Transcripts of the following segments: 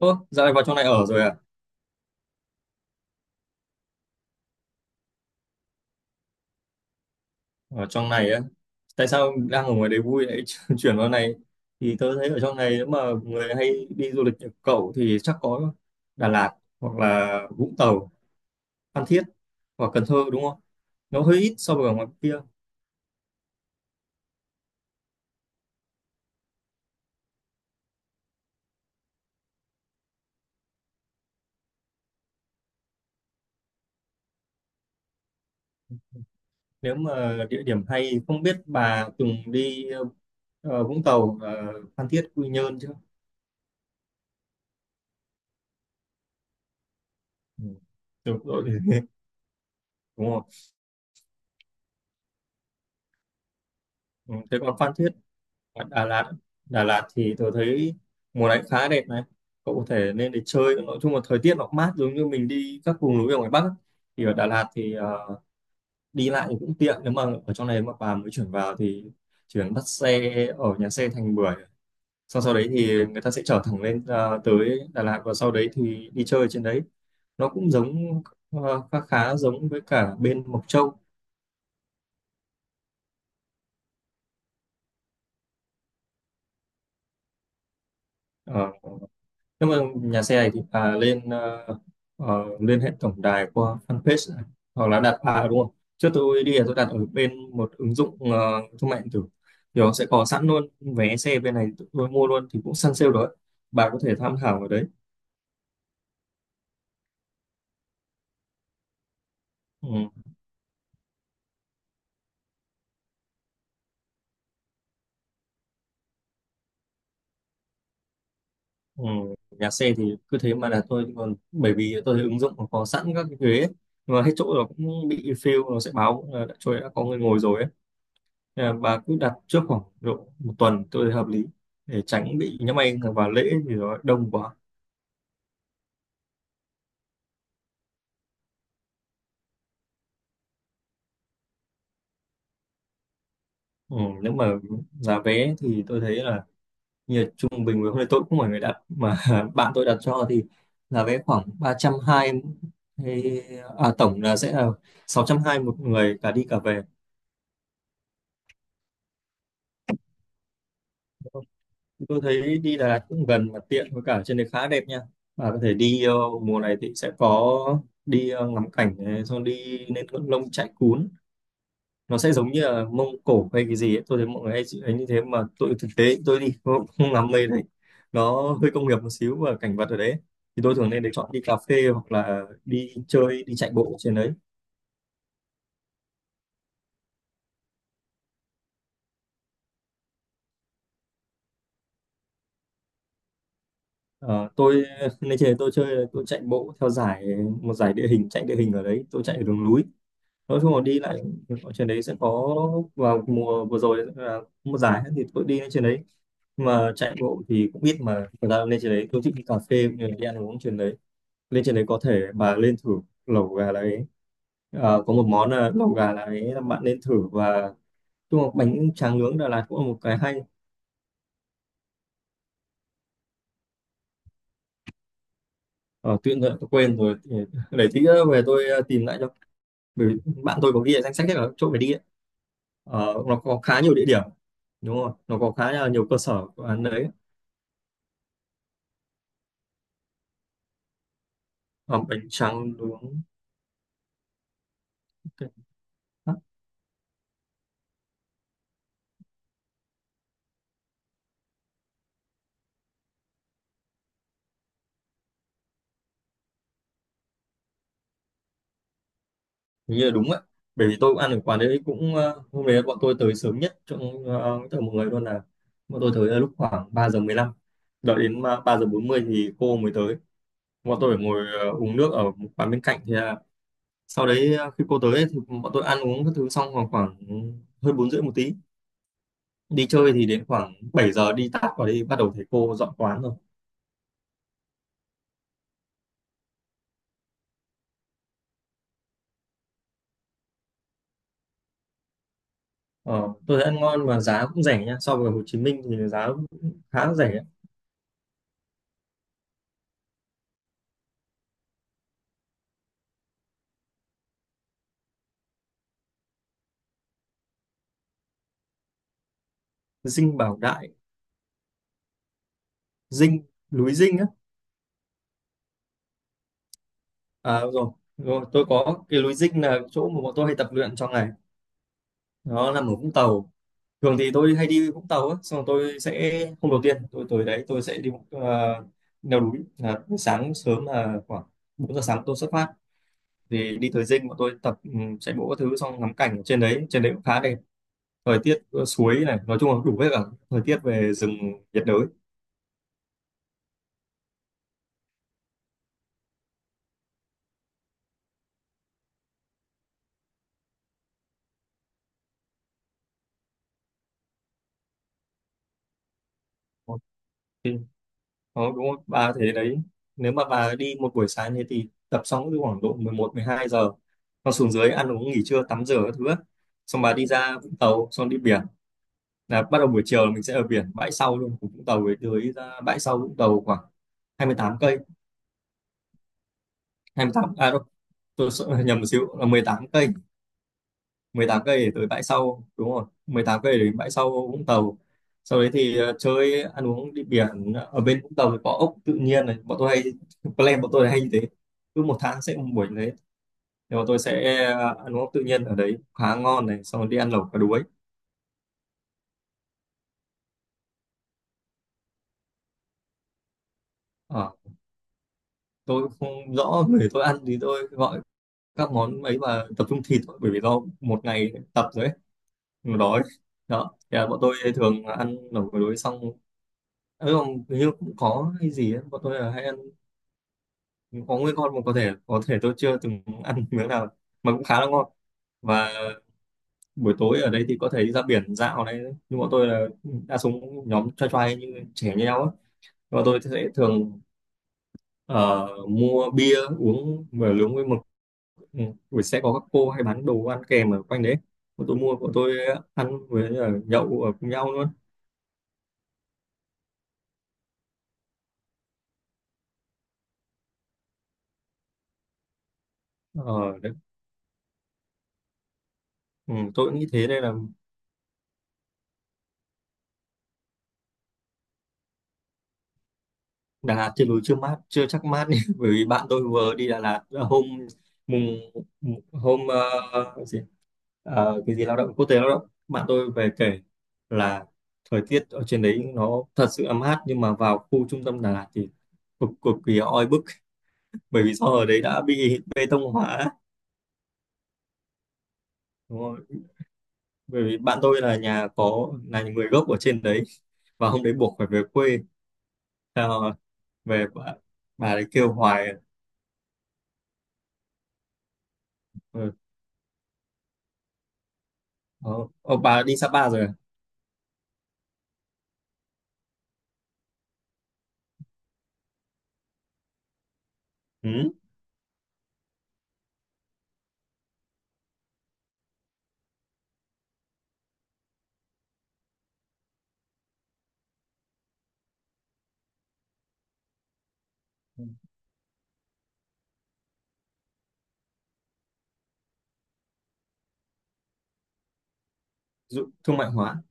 Ô, dạo này vào trong này ở rồi à? Ở trong này á? Tại sao đang ở ngoài đấy vui lại chuyển vào này? Thì tớ thấy ở trong này nếu mà người hay đi du lịch như cậu thì chắc có Đà Lạt, hoặc là Vũng Tàu, Phan Thiết hoặc Cần Thơ, đúng không? Nó hơi ít so với ở ngoài kia. Nếu mà địa điểm hay, không biết bà từng đi Vũng Tàu, Phan Thiết, Quy Nhơn chưa? Ừ. Đúng rồi. Đúng không? Ừ, thế còn Phan Thiết, ở Đà Lạt, Đà Lạt thì tôi thấy mùa này khá đẹp này, cậu có thể nên để chơi. Nói chung là thời tiết nó cũng mát, giống như mình đi các vùng núi ở ngoài Bắc ấy. Thì ở Đà Lạt thì đi lại thì cũng tiện. Nếu mà ở trong này mà bà mới chuyển vào thì chỉ cần bắt xe ở nhà xe Thành Bưởi, sau sau đấy thì người ta sẽ chở thẳng lên tới Đà Lạt, và sau đấy thì đi chơi ở trên đấy. Nó cũng giống khá khá giống với cả bên Mộc Châu. Ờ, nhưng mà nhà xe này thì bà lên lên hệ tổng đài qua fanpage này, hoặc là đặt à, đúng không? Trước tôi đi là tôi đặt ở bên một ứng dụng thương mại điện tử, thì nó sẽ có sẵn luôn vé xe bên này. Tôi mua luôn thì cũng săn sale đó. Bà có thể tham khảo ở đấy. Ừ, ừ. Nhà xe thì cứ thế mà là tôi còn bởi vì tôi thấy ứng dụng nó có sẵn các cái ghế ấy. Nhưng mà hết chỗ rồi cũng bị fill, nó sẽ báo là đã, chỗ đã có người ngồi rồi ấy. Nên bà cứ đặt trước khoảng độ một tuần, tôi thấy hợp lý, để tránh bị nhỡ anh vào lễ thì nó đông quá. Ừ, nếu mà giá vé thì tôi thấy là như là trung bình. Với hôm nay tôi cũng không phải người đặt mà bạn tôi đặt cho, thì giá vé khoảng 320, hay à, tổng là sẽ là 620 một người cả đi cả về. Tôi thấy đi Đà Lạt cũng gần mà tiện, với cả trên đấy khá đẹp nha. Bà có thể đi mùa này thì sẽ có đi ngắm cảnh này, xong đi lên ngọn lông chạy cún. Nó sẽ giống như là Mông Cổ hay cái gì ấy. Tôi thấy mọi người hay ấy như thế, mà tôi thực tế tôi đi tôi cũng không làm mê đấy. Nó hơi công nghiệp một xíu, và cảnh vật ở đấy thì tôi thường nên để chọn đi cà phê hoặc là đi chơi, đi chạy bộ trên đấy. Ờ, tôi nên trên đấy tôi chơi tôi chạy bộ theo giải, một giải địa hình, chạy địa hình ở đấy. Tôi chạy ở đường núi, nói chung là đi lại ở trên đấy sẽ có. Vào mùa vừa rồi là một giải thì tôi đi lên trên đấy. Mà chạy bộ thì cũng biết, mà thật ra lên trên đấy tôi thích đi cà phê cũng như là đi ăn uống trên đấy. Lên trên đấy có thể bà lên thử lẩu gà đấy. Ờ, có một món là lẩu gà đấy là bạn nên thử, và chung là bánh tráng nướng Đà Lạt cũng là một cái hay. Ờ, Tuyên tôi quên rồi, để tí nữa về tôi tìm lại cho. Bởi vì bạn tôi có ghi ở danh sách hết cả các chỗ phải đi ấy. Ờ, nó có khá nhiều địa điểm, đúng không, nó có khá là nhiều cơ sở của ăn đấy. Ờ, bánh tráng nướng. Ok. Hình như là đúng ạ. Bởi vì tôi cũng ăn ở quán đấy cũng hôm đấy bọn tôi tới sớm nhất trong tất cả mọi người luôn. Là bọn tôi tới là lúc khoảng 3 giờ 15, đợi đến mà 3 giờ 40 thì cô mới tới. Bọn tôi phải ngồi uống nước ở một quán bên cạnh, thì là sau đấy khi cô tới ấy, thì bọn tôi ăn uống các thứ xong khoảng khoảng hơn 4 rưỡi một tí. Đi chơi thì đến khoảng 7 giờ đi tắt vào đi, bắt đầu thấy cô dọn quán rồi. Ờ, tôi thấy ăn ngon mà giá cũng rẻ nha. So với Hồ Chí Minh thì giá cũng khá rẻ. Dinh Bảo Đại, Dinh, núi Dinh. À đúng rồi, tôi có cái lối dinh là chỗ mà bọn tôi hay tập luyện trong ngày. Nó nằm ở Vũng Tàu. Thường thì tôi hay đi Vũng Tàu á, xong rồi tôi sẽ hôm đầu tiên tôi tới đấy tôi sẽ đi leo núi là sáng sớm là khoảng 4 giờ sáng tôi xuất phát, thì đi tới dinh bọn tôi tập, ừ, chạy bộ các thứ xong ngắm cảnh ở trên đấy cũng khá đẹp. Thời tiết suối này, nói chung là đủ hết cả thời tiết về rừng nhiệt đới. Thì, đó, đúng không? Bà thế đấy. Nếu mà bà đi một buổi sáng thế, thì tập xong cứ khoảng độ mười một, mười hai giờ con xuống dưới ăn uống nghỉ trưa tắm rửa các thứ á. Xong bà đi ra Vũng Tàu xong đi biển, là bắt đầu buổi chiều là mình sẽ ở biển bãi sau luôn của Vũng Tàu. Với tới ra bãi sau Vũng Tàu khoảng 28 cây, hai mươi tám à đâu, nhầm một xíu là 18 cây, mười tám cây để tới bãi sau, đúng rồi 18 cây để đến bãi sau Vũng Tàu. Sau đấy thì chơi ăn uống đi biển ở bên Vũng Tàu thì có ốc tự nhiên này, bọn tôi hay plan bọn tôi là hay như thế, cứ một tháng sẽ một buổi như thế. Thì bọn tôi sẽ ăn uống ốc tự nhiên ở đấy khá ngon này, xong rồi đi ăn lẩu cá đuối. Ờ, tôi cũng không rõ về tôi ăn thì tôi gọi các món ấy và tập trung thịt thôi, bởi vì do một ngày tập rồi ấy, nó đói. Đó thì là bọn tôi thường là ăn ở buổi tối xong. Ừ, không, hình như cũng có hay gì ấy. Bọn tôi là hay ăn có nguyên con, mà có thể tôi chưa từng ăn miếng nào mà cũng khá là ngon. Và buổi tối ở đây thì có thể đi ra biển dạo này. Nhưng bọn tôi là đa số nhóm trai trai như trẻ như nhau á, bọn tôi sẽ thường ờ, mua bia uống vừa nướng với mực. Ừ. Buổi sẽ có các cô hay bán đồ ăn kèm ở quanh đấy, bọn tôi mua bọn tôi ăn với là nhậu ở cùng nhau luôn. Ờ đấy. Ừ, tôi cũng nghĩ thế nên là Đà Lạt trên núi chưa mát, chưa chắc mát nhỉ. Bởi vì bạn tôi vừa đi Đà Lạt là mùng hôm ờ, cái gì Ờ, cái gì lao động quốc tế, lao động, bạn tôi về kể là thời tiết ở trên đấy nó thật sự là mát, nhưng mà vào khu trung tâm Đà Lạt thì cực cực kỳ oi bức. Bởi vì do ở đấy đã bị bê tông hóa. Đúng rồi. Bởi vì bạn tôi là nhà có là người gốc ở trên đấy, và hôm đấy buộc phải về quê. Sao về bà ấy kêu hoài. Ừ. Ờ, ờ, bà đi Sapa rồi à? Ừ. Dụ, thương mại hóa.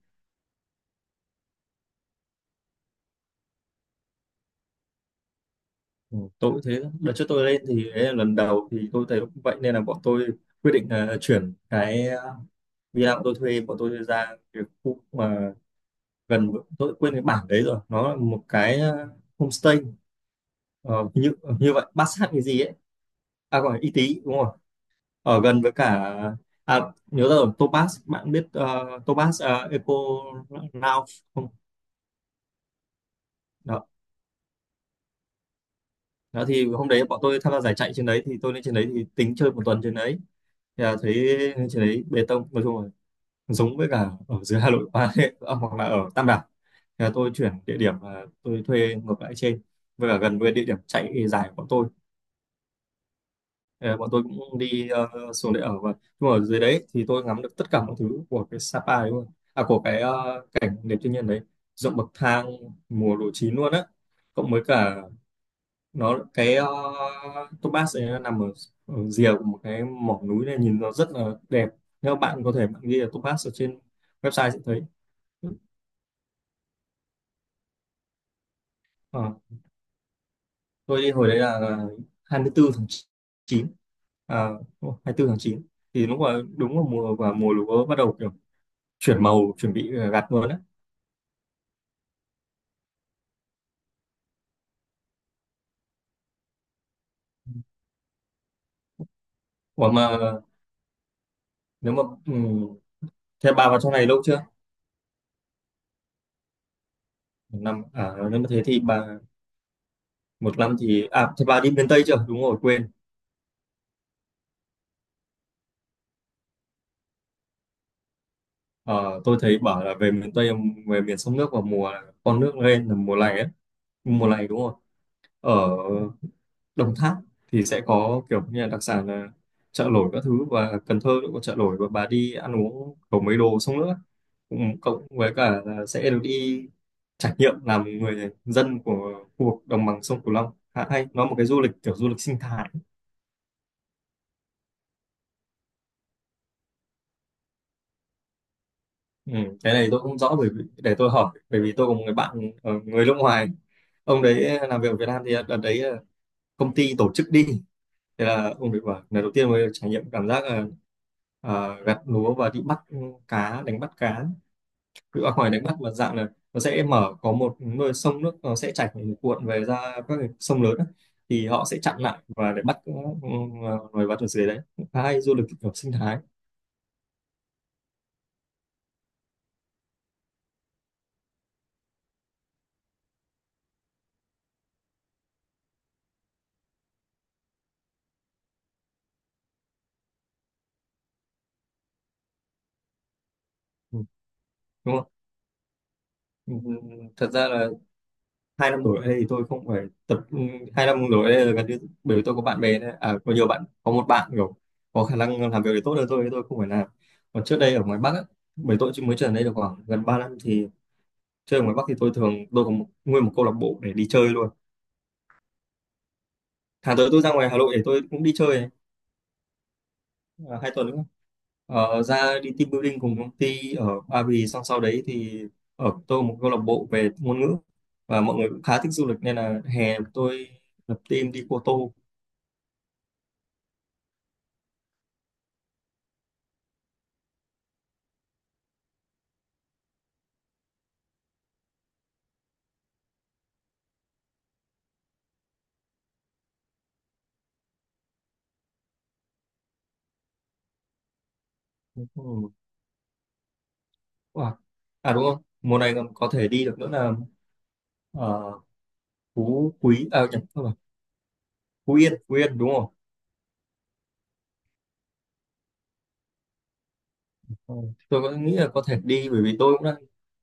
Ừ, tôi cũng thế. Đợt trước tôi lên thì đấy là lần đầu, thì tôi thấy cũng vậy nên là bọn tôi quyết định là chuyển cái villa bọn tôi thuê, bọn tôi ra cái khu mà gần, tôi quên cái bản đấy rồi, nó là một cái homestay ờ, như như vậy, bát sát cái gì ấy, à còn y tí đúng rồi, ở gần với cả, à, nhớ ra rồi, Topaz, bạn biết Topaz Eco Now không? Đó. Đó thì hôm đấy bọn tôi tham gia giải chạy trên đấy, thì tôi lên trên đấy thì tính chơi một tuần trên đấy, thì là thấy lên trên đấy bê tông, nói chung là giống với cả ở dưới Hà Nội quá. Hoặc là ở Tam Đảo, thì là tôi chuyển địa điểm và tôi thuê ngược lại trên, với cả gần với địa điểm chạy dài của bọn tôi. Ờ, Bọn tôi cũng đi xuống để ở. Và nhưng mà ở dưới đấy thì tôi ngắm được tất cả mọi thứ của cái Sapa đấy luôn, à của cái cảnh đẹp thiên nhiên đấy, ruộng bậc thang, mùa lúa chín luôn á, cộng với cả nó cái Topaz ấy, nó nằm ở, ở rìa của một cái mỏ núi này nhìn nó rất là đẹp. Nếu bạn có thể bạn ghi là Topaz ở trên website sẽ thấy. Ờ, tôi đi hồi đấy là 24 tháng 9, à, 24 tháng chín, thì lúc mà đúng là mùa và mùa lúa bắt đầu kiểu chuyển màu, chuẩn bị gặt luôn á. Ủa mà nếu mà thế bà vào trong này lâu chưa? Một năm à? Nếu mà thế thì bà, một năm thì à thế bà đi miền Tây chưa? Đúng rồi, quên. Ờ, tôi thấy bảo là về miền Tây, về miền sông nước vào mùa con nước lên là mùa này á, mùa này đúng không, ở Đồng Tháp thì sẽ có kiểu như là đặc sản là chợ nổi các thứ, và Cần Thơ cũng có chợ nổi và bà đi ăn uống có mấy đồ xong nữa, cũng cộng với cả là sẽ được đi trải nghiệm làm người dân của khu vực đồng bằng sông Cửu Long, khá hay, nó một cái du lịch kiểu du lịch sinh thái. Ừ, cái này tôi không rõ, bởi vì để tôi hỏi, bởi vì tôi có một người bạn người nước ngoài, ông đấy làm việc ở Việt Nam, thì đợt đấy công ty tổ chức đi, thế là ông đấy bảo lần đầu tiên mới trải nghiệm cảm giác là gặt lúa và đi bắt cá, đánh bắt cá, cứ không phải đánh bắt mà dạng là nó sẽ mở có một nơi sông nước, nó sẽ chảy cuộn về ra các cái sông lớn á, thì họ sẽ chặn lại và để bắt loài vật ở dưới đấy, khá hay, du lịch kiểu sinh thái. Ừ, đúng không? Ừ, ừ, thật ra là 2 năm rồi ở đây thì tôi không phải tập, 2 năm rồi ở đây là gần như, bởi vì tôi có bạn bè đấy. À, có nhiều bạn, có một bạn kiểu có khả năng làm việc thì tốt hơn tôi không phải làm. Còn trước đây ở ngoài Bắc á, bởi tôi chỉ mới trở lại đây được khoảng gần 3 năm, thì chơi ở ngoài Bắc thì tôi thường, tôi có một, nguyên một câu lạc bộ để đi chơi luôn. Tháng tới tôi ra ngoài Hà Nội để tôi cũng đi chơi này, à, 2 tuần nữa. Ra đi team building cùng công ty ở Ba Vì, xong sau đấy thì, ở tôi có một câu lạc bộ về ngôn ngữ và mọi người cũng khá thích du lịch, nên là hè tôi lập team đi Cô Tô. Wow. À đúng không? Mùa này còn có thể đi được nữa là uh, Phú Quý, à nhầm, không phải, Phú Yên, Phú Yên đúng không? Ờ, tôi có nghĩ là có thể đi, bởi vì tôi cũng đang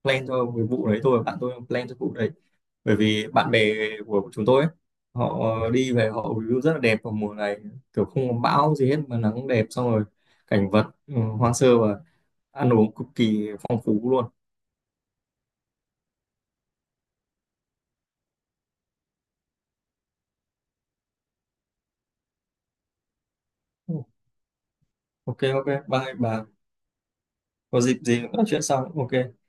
plan cho cái vụ đấy thôi, bạn tôi đang plan cho vụ đấy. Bởi vì bạn bè của chúng tôi ấy, họ đi về họ view rất là đẹp vào mùa này, kiểu không có bão gì hết mà nắng đẹp, xong rồi cảnh vật hoang sơ, và ăn uống cực kỳ phong phú luôn. Ừ, ok ok, bye bà. Có dịp gì nữa nói chuyện sau. Ok.